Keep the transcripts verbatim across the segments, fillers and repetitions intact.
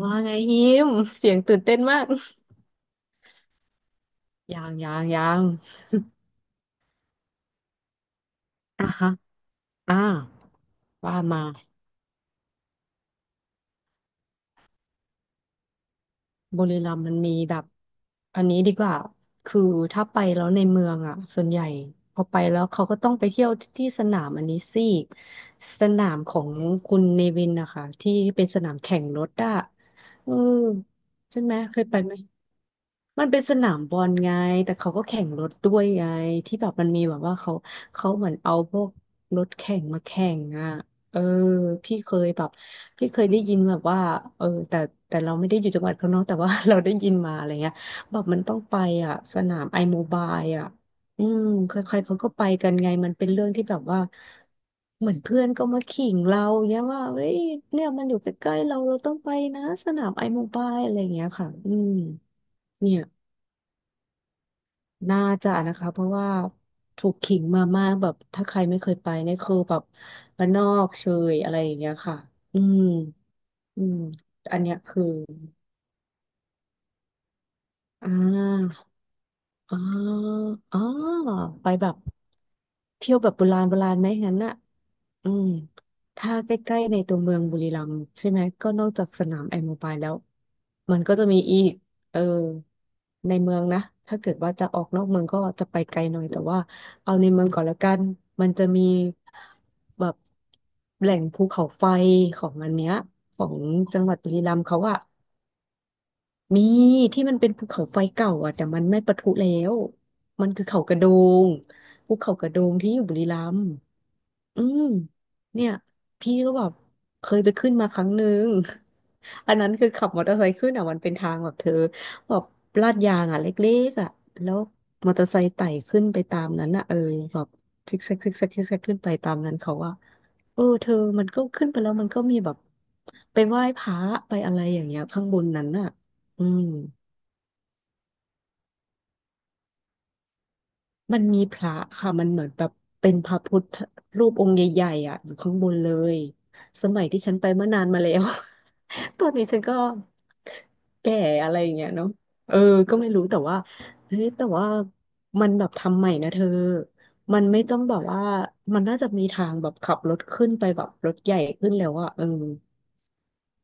ว่าไงฮิมเสียงตื่นเต้นมากยังยังยังอ่ะฮะอ่าว่ามาบุรีรัมย์มันมีแบบอันนี้ดีกว่าคือถ้าไปแล้วในเมืองอ่ะส่วนใหญ่พอไปแล้วเขาก็ต้องไปเที่ยวที่สนามอันนี้สิสนามของคุณเนวินนะคะที่เป็นสนามแข่งรถอ่ะอืมใช่ไหมเคยไปไหม มันเป็นสนามบอลไงแต่เขาก็แข่งรถด้วยไงที่แบบมันมีแบบว่าเขา เขาเหมือนเอาพวกรถแข่งมาแข่งอ่ะเออพี่เคยแบบพี่เคยได้ยินแบบว่าเออแต่แต่เราไม่ได้อยู่จังหวัดเขาเนาะแต่ว่า เราได้ยินมาอะไรเงี้ยแบบมันต้องไปอ่ะสนามไอโมบายอ่ะอืมใครๆเขาก็ไปกันไงมันเป็นเรื่องที่แบบว่าเหมือนเพื่อนก็มาขิงเราเนี้ยว่าเฮ้ยเนี่ยมันอยู่ใกล้ๆเราเราต้องไปนะสนามไอโมบายอะไรเงี้ยค่ะอืมเนี่ย น่าจะนะคะเพราะว่าถูกขิงมามากแบบถ้าใครไม่เคยไปเนี่ยคือแบบบ้านนอกเชยอะไรอย่างเงี้ยค่ะอืมอืมอันเนี้ยคืออ่าอ่าอ่าไปแบบเที่ยวแบบโบราณโบราณไหมงั้นน่ะ อืมถ้าใกล้ๆในตัวเมืองบุรีรัมย์ใช่ไหมก็นอกจากสนามแอรโมบายแล้วมันก็จะมีอีกเออในเมืองนะถ้าเกิดว่าจะออกนอกเมืองก็จะไปไกลหน่อยแต่ว่าเอาในเมืองก่อนแล้วกันมันจะมีแบบแหล่งภูเขาไฟของอันเนี้ยของจังหวัดบุรีรัมย์เขาอะมีที่มันเป็นภูเขาไฟเก่าอะแต่มันไม่ปะทุแล้วมันคือเขากระโดงภูเขากระโดงที่อยู่บุรีรัมย์ อืมเนี่ยพี่ก็แบบเคยไปขึ้นมาครั้งหนึ่ง อันนั้นคือขับมอเตอร์ไซค์ขึ้นอ่ะมันเป็นทางแบบเธอแบบลาดยางอ่ะเล็กๆอ่ะแล้วมอเตอร์ไซค์ไต่ขึ้นไปตามนั้นอ่ะเออแบบซิกแซกซิกแซกซิกแซกขึ้นไปตามนั้นเขาว่าเออเธอมันก็ขึ้นไปแล้วมันก็มีแบบไปไหว้พระไปอะไรอย่างเงี้ยข้างบนนั้นอ่ะอืม มันมีพระค่ะ มันเหมือนแบบเป็นพระพุทธรูปองค์ใหญ่ๆอ่ะอยู่ข้างบนเลย สมัยที่ฉันไปเมื่อนานมาแล้ว ตอนนี้ฉันก็แก่อะไรอย่างเงี้ยเนาะเออก็ไม่รู้แต่ว่าเฮ้ยแต่ว่ามันแบบทำใหม่นะเธอ มันไม่ต้องแบบว่ามันน่าจะมีทางแบบขับรถขึ้นไปแบบรถใหญ่ขึ้นแล้วอ่ะเออ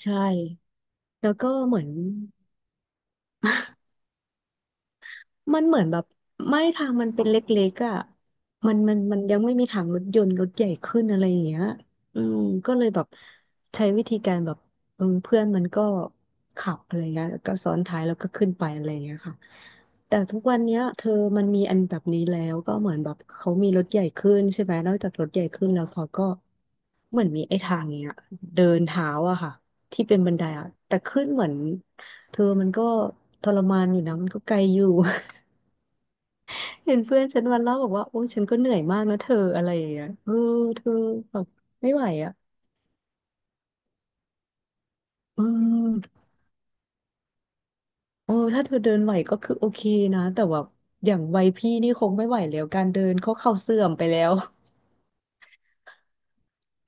ใช่ แล้วก็เหมือน มันเหมือนแบบไม่ทางมันเป็นเล็กๆอ่ะมันมันมันยังไม่มีทางรถยนต์รถใหญ่ขึ้นอะไรอย่างเงี้ยอืมก็เลยแบบใช้วิธีการแบบเออเพื่อนมันก็ขับอะไรเงี้ยแล้วก็ซ้อนท้ายแล้วก็ขึ้นไปอะไรเงี้ยค่ะแต่ทุกวันเนี้ยเธอมันมีอันแบบนี้แล้วก็เหมือนแบบเขามีรถใหญ่ขึ้นใช่ไหมนอกจากรถใหญ่ขึ้นแล้วเขาก็เหมือนมีไอ้ทางเนี้ยเดินเท้าอะค่ะที่เป็นบันไดอะแต่ขึ้นเหมือนเธอมันก็ทรมานอยู่นะมันก็ไกลอยู่ เห็นเพื่อนฉันวันเล่าบอกว่าโอ้ฉันก็เหนื่อยมากนะเธออะไรอย่างเงี้ยเออเธอแบบไม่ไหวอ่ะเออโอ้ถ้าเธอเดินไหวก็คือโอเคนะแต่ว่าอย่างวัยพี่นี่คงไม่ไหวแล้วการเดินเขาเข่าเสื่อมไปแล้ว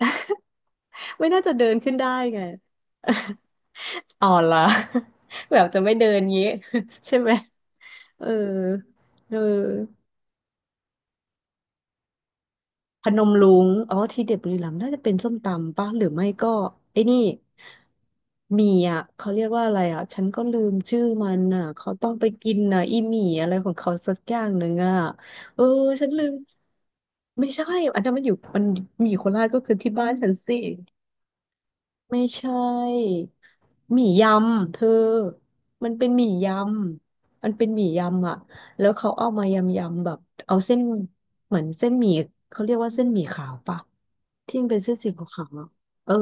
ไม่น่าจะเดินขึ้นได้ไง อ่อนละ แบบจะไม่เดินงี้ ใช่ไหมเออเออ พนมรุ้งอ๋อที่เด็ดบุรีรัมย์น่าจะเป็นส้มตำป่ะหรือไม่ก็ไอ้นี่หมี่อ่ะเขาเรียกว่าอะไรอ่ะฉันก็ลืมชื่อมันอ่ะเขาต้องไปกินอ่ะอีหมี่อะไรของเขาสักอย่างหนึ่งอ่ะเออฉันลืมไม่ใช่อันนั้นมันอยู่มันหมี่โคราชก็คือที่บ้านฉันสิไม่ใช่หมี่ยำเธอมันเป็นหมี่ยำมันเป็นหมี่ยำอ่ะแล้วเขาเอามายำๆแบบเอาเส้นเหมือนเส้นหมี่เขาเรียกว่าเส้นหมี่ขาวปะ ที่มันเป็นเส้นสีขาวๆอะเออ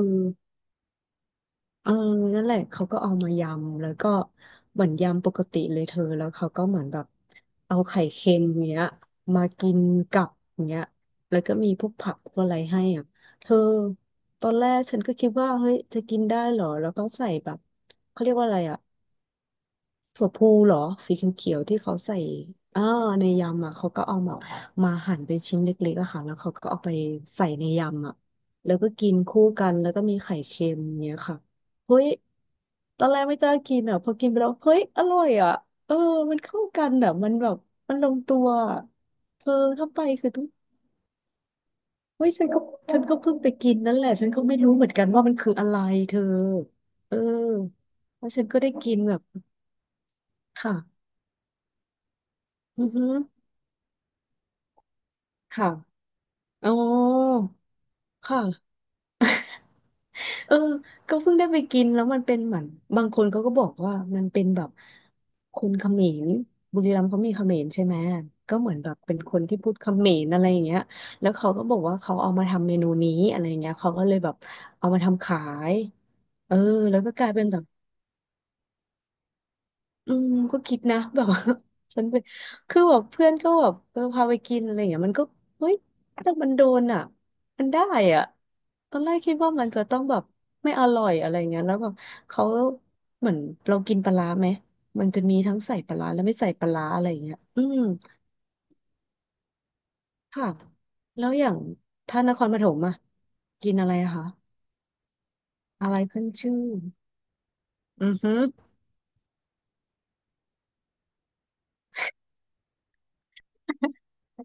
เออนั่นแหละเขาก็เอามายำ แล้วก็เหมือนยำปกติเลยเธอ แล้วเขาก็เหมือนแบบเอาไข่เค็มเนี้ยมากินกับเนี้ยแล้วก็มีพวกผักพวกอะไรให้อ่ะเธอตอนแรกฉันก็คิดว่าเฮ้ยจะกินได้เหรอ แล้วก็ใส่แบบเขาเรียกว่าอะไรอ่ะ ถั่วพูเหรอสีเขียวๆที่เขาใส่อ่าในยำอ่ะเขาก็เอามามาหั่นเป็นชิ้นเล็กๆอะค่ะแล้วเขาก็เอาไปใส่ในยำอ่ะแล้วก็กินคู่กันแล้วก็มีไข่เค็มเนี้ยค่ะเฮ้ยตอนแรกไม่กล้ากินอ่ะพอกินไปแล้วเฮ้ยอร่อยอ่ะเออมันเข้ากันอ่ะมันแบบมันลงตัวอะเธอถ้าไปคือต้องเฮ้ยฉันก็ฉันก็เพิ่งไปกินนั่นแหละฉันก็ไม่รู้เหมือนกันว่ามันคืออะไรเธอเออแล้วฉันก็ได้กินแบบค่ะอือฮึค่ะ อ๋อค่ะเออก็เพิ่งได้ไปกินแล้วมันเป็นเหมือนบางคนเขาก็บอกว่ามันเป็นแบบคนเขมรบุรีรัมย์เขามีเขมรใช่ไหมก็เหมือนแบบเป็นคนที่พูดเขมรอะไรอย่างเงี้ยแล้วเขาก็บอกว่าเขาเอามาทำเมนูนี้อะไรอย่างเงี้ยเขาก็เลยแบบเอามาทำขายเออแล้วก็กลายเป็นแบบ อืมก็คิดนะ แบบว่า ฉันไปคือแบบเพื่อนก็แบบเออพาไปกินอะไรอย่างเงี้ยมันก็เฮ้ยแต่มันโดนอ่ะมันได้อ่ะตอนแรกคิดว่ามันจะต้องแบบไม่อร่อยอะไรเงี้ยแล้วแบบเขาเหมือนเรากินปลาร้าไหมมันจะมีทั้งใส่ปลาร้าและไม่ใส่ปลาร้าอะไรเงี้ยอืมค่ะแล้วอย่างท่านนครปฐมอ่ะกินอะไรอะคะอะไรขึ้นชื่ออือฮึอ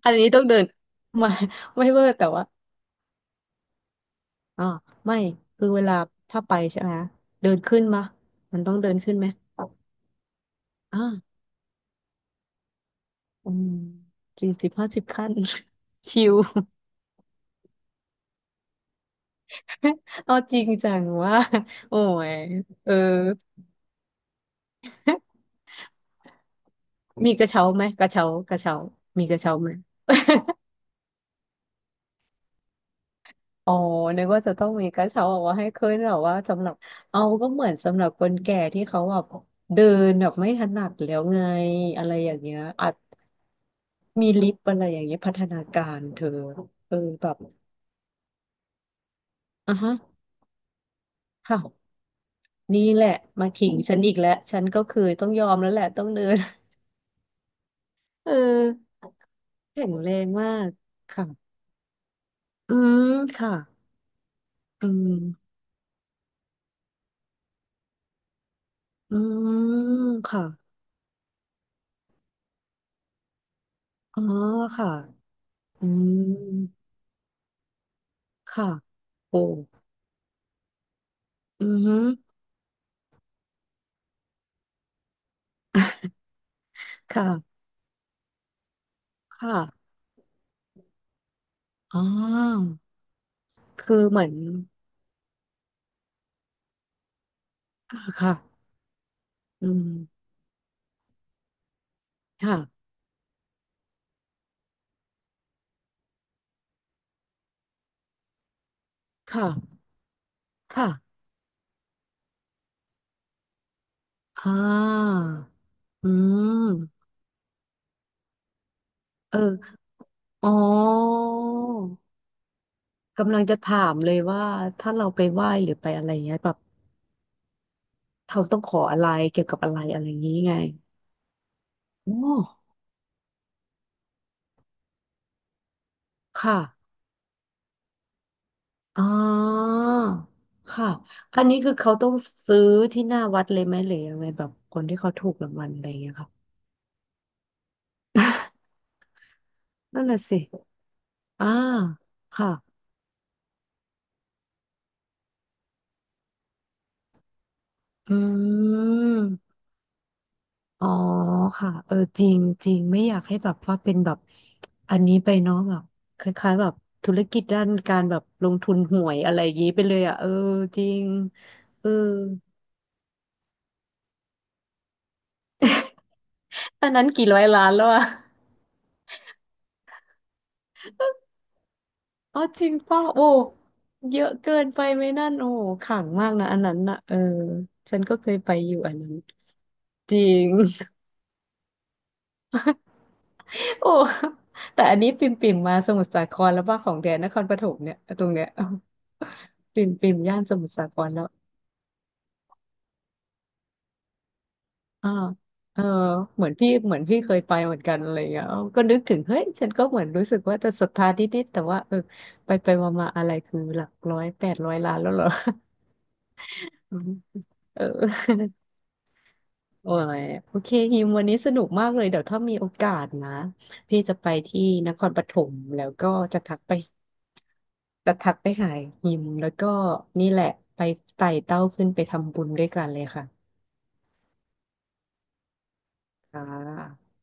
อันนี้ต้องเดินมา ไม่เวอร์แต่ว่า อ่าไม่คือเวลาถ้าไปใช่ไหมเดินขึ้นมามันต้องเดินขึ้นไหมอ่าอืมสี่สิบห้าสิบขั้น ชิว เอาจริงจังว่าโอ้ยเออ มีกระเช้าไหมกระเช้ากระเช้ามีกระเช้าไหมอ๋อนึกว่าจะต้องมีกระเช้าเอาไว่าให้ขึ้นหรอว่าสำหรับเอาก็เหมือนสำหรับคนแก่ที่เขาแบบเดินแบบไม่ถนัดแล้วไงอะไรอย่างเงี้ยอาจมีลิฟต์อะไรอย่างเงี้ยพัฒนาการเธอเออแบบอ่ะฮะ ค่ะนี่แหละมาขิงฉันอีกแล้วฉันก็คือต้องยอมแล้วแหละต้องเดิน เออแข็งแรงมากค่ะอืมค่ะอืมอืมค่ะอ๋อค่ะอืมค่ะโอ้อืมค่ะค่ะอ๋อคือเหมือนอ่าค่ะอืมค่ะค่ะค่ะอ่าอืมเอออ๋อ กำลังจะถามเลยว่าถ้าเราไปไหว้หรือไปอะไรเงี้ยแบบเราต้องขออะไรเกี่ยวกับอะไรอะไรอย่างงี้ไงโอ้ค่ะอ่าค่ะอันนี้คือเขาต้องซื้อที่หน้าวัดเลยไหมหรือยังไงแบบคนที่เขาถูกรางวัลอะไรอย่างเงี้ยค่ะ นั่นน่ะสิอ่าค่ะอืม อ๋อค่ะเออจริงจริงไม่อยากให้แบบว่าเป็นแบบอันนี้ไปเนาะแบบคล้ายๆแบบธุรกิจด้านการแบบลงทุนหวยอะไรอย่างนี้ไปเลยอ่ะเออจริงเออตอนนั้นกี่ร้อยล้านแล้วอะอ๋อจริงป่ะโอ้เยอะเกินไปไหมนั่นโอ้ขลังมากนะอันนั้นน่ะเออฉันก็เคยไปอยู่อันนั้นจริง โอ้ แต่อันนี้ปิ่มปิ่มมาสมุทรสาครแล้วว่าของแดนนครปฐมเนี่ยตรงเนี้ย ปิ่มปิ่มย่านสมุทรสาครแล้วอ่าเออเหมือนพี่เหมือนพี่เคยไปเหมือนกันอะไรอย่างเงี้ยเออก็นึกถึงเฮ้ยฉันก็เหมือนรู้สึกว่าจะศรัทธานิดๆแต่ว่าเออไปไปมามาอะไรคือหลักร้อยแปดร้อยล้านแล้วเหรออืม เออ โอ้ยโอเคฮิมวันนี้สนุกมากเลยเดี๋ยวถ้ามีโอกาสนะพี่จะไปที่นครปฐมแล้วก็จะทักไป แต่ทักไปหาหิมแล้วก็นี่แหละไปไต่เต้าขึ้นไปทำบุญด้วยกันเลยค่ะค่ะ